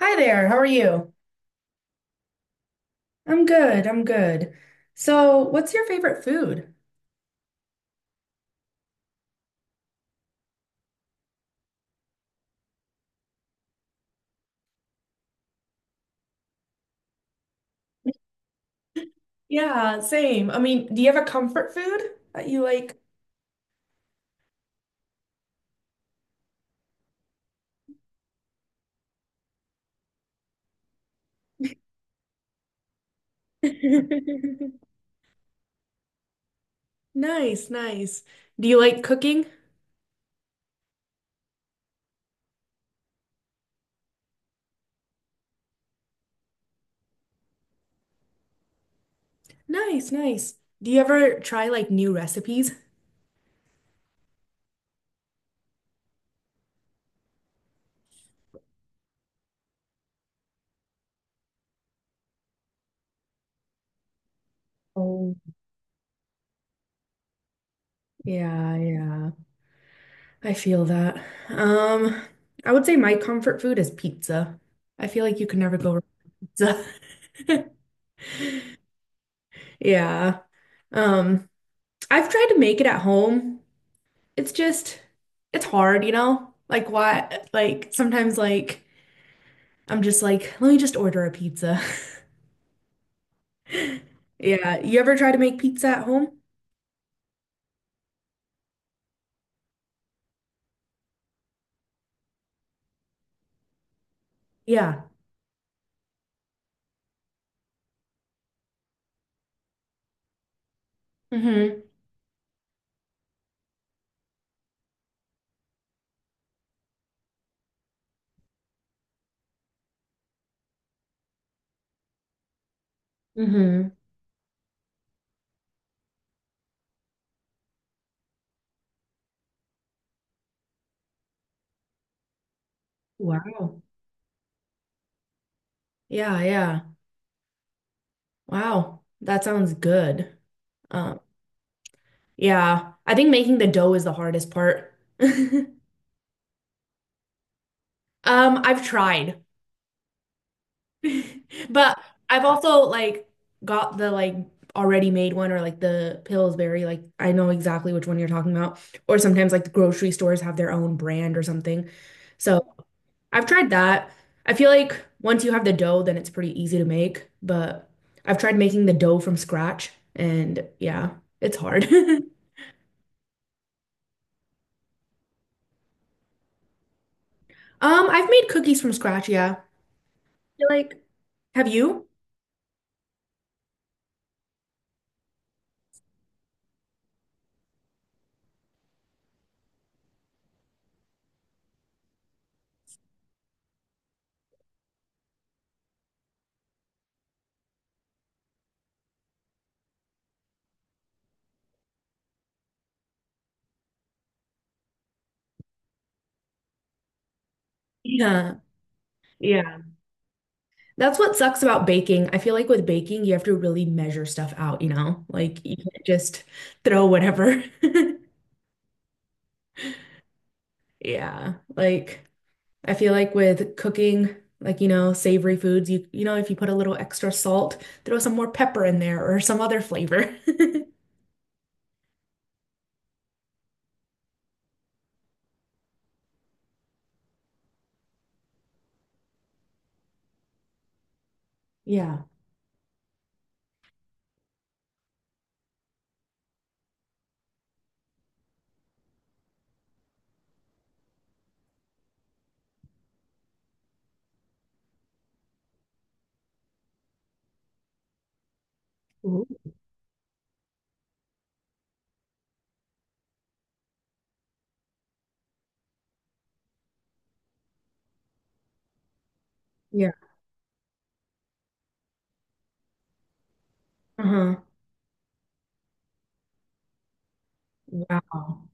Hi there, how are you? I'm good, I'm good. So, what's your favorite food? Yeah, same. I mean, do you have a comfort food that you like? Nice, nice. Do you like cooking? Nice, nice. Do you ever try like new recipes? Oh, yeah, yeah. I feel that. Um, I would say my comfort food is pizza. I feel like you can never go wrong with pizza. Yeah. Um, I've tried to make it at home. It's just it's hard. Like why like sometimes like I'm just like, let me just order a pizza. Yeah. You ever try to make pizza at home? Yeah. Mm-hmm. Mm-hmm. Wow. Yeah, yeah. Wow. That sounds good. Um, yeah. I think making the dough is the hardest part. I've tried. But I've also like got the like already made one or like the Pillsbury, like I know exactly which one you're talking about. Or sometimes like the grocery stores have their own brand or something. So I've tried that. I feel like once you have the dough, then it's pretty easy to make. But I've tried making the dough from scratch and yeah, it's hard. I've made cookies from scratch, yeah. I feel like have you? Yeah. Yeah. That's what sucks about baking. I feel like with baking, you have to really measure stuff out. Like you can't just throw whatever. Yeah. Like I feel like with cooking, like savory foods, you know, if you put a little extra salt, throw some more pepper in there or some other flavor. Yeah. Ooh. Yeah. Uh-huh. Wow.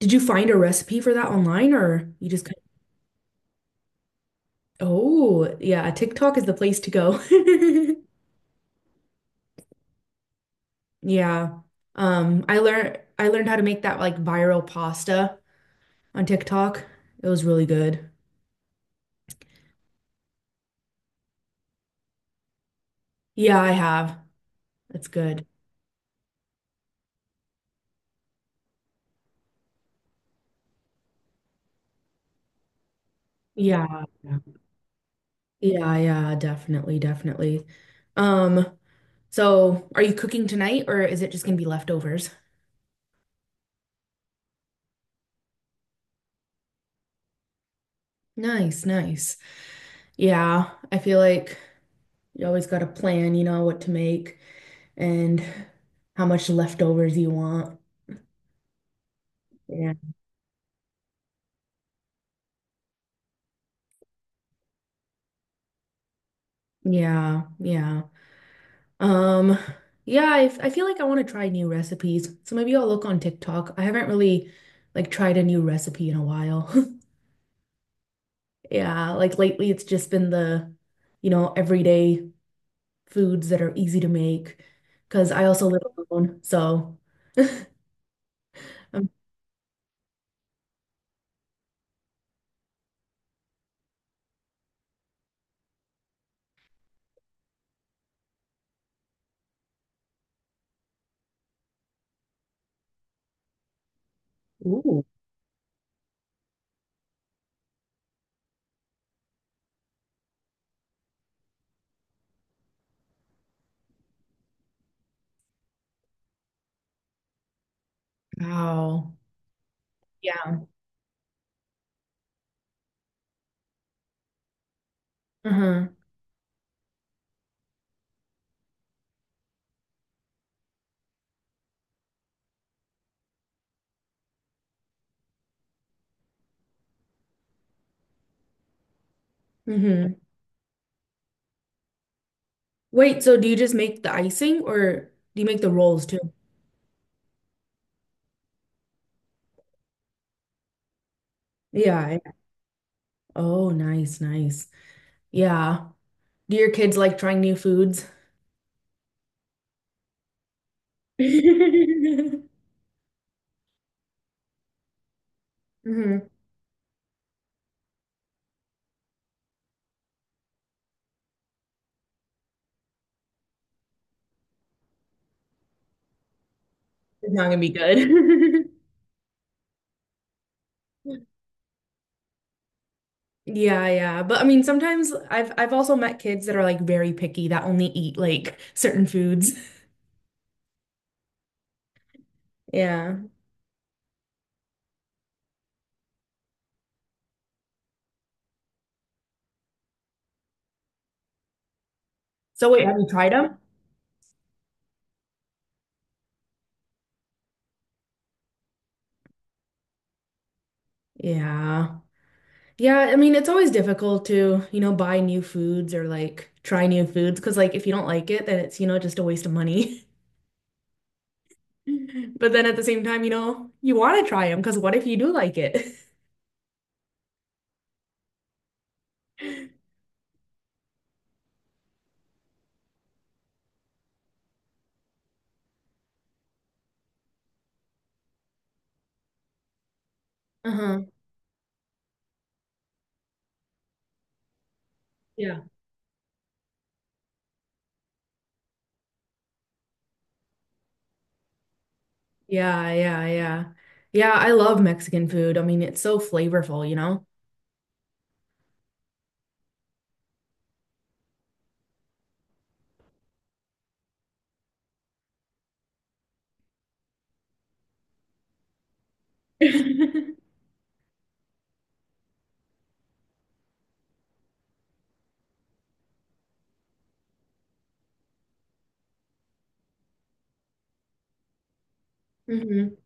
Did you find a recipe for that online or you just kind of, oh, yeah, TikTok is the place to go. Yeah. I learned how to make that like viral pasta on TikTok. It was really good. Yeah, I have. It's good. Yeah. Yeah, yeah, definitely, definitely. Um, so are you cooking tonight or is it just gonna be leftovers? Nice, nice. Yeah, I feel like you always gotta plan, you know, what to make and how much leftovers you want. Yeah. Yeah, yeah. Um, yeah, I feel like I want to try new recipes. So maybe I'll look on TikTok. I haven't really like tried a new recipe in a while. Yeah, like lately it's just been the, you know, everyday foods that are easy to make because I also live alone. So, um, Ooh. Wow. Yeah. Uh-huh. Mm-hmm. Wait, so do you just make the icing or do you make the rolls too? Yeah, yeah. Oh, nice, nice. Yeah. Do your kids like trying new foods? Hmm. It's not gonna be good. Yeah, yeah. But I mean, sometimes I've also met kids that are like very picky that only eat like certain foods. Yeah. So wait, have you tried them? Yeah. Yeah, I mean, it's always difficult to, you know, buy new foods or like try new foods because like if you don't like it, then it's, you know, just a waste of money. But then at the same time, you know, you want to try them because what if you do like it? Uh-huh. Yeah. Yeah, yeah, yeah. Yeah, I love Mexican food. I mean, it's so flavorful, you know? Hmm.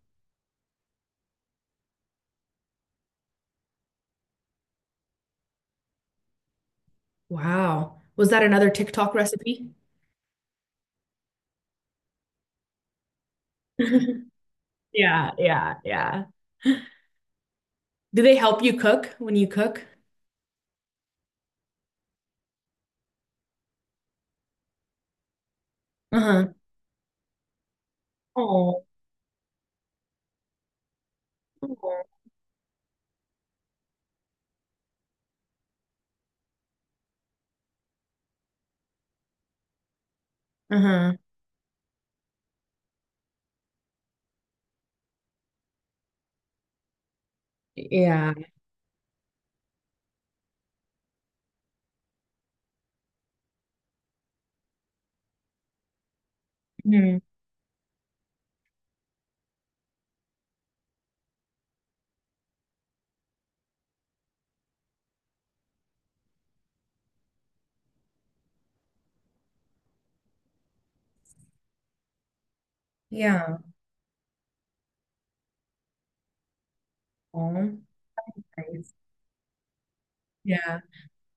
Wow. Was that another TikTok recipe? Yeah, yeah, yeah. Do they help you cook when you cook? Uh-huh. Oh. Oh. Uh-huh. Yeah. Mhm. Yeah. Oh, nice. Yeah.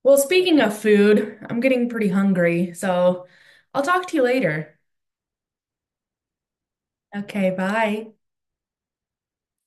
Well, speaking of food, I'm getting pretty hungry, so I'll talk to you later. Okay, bye.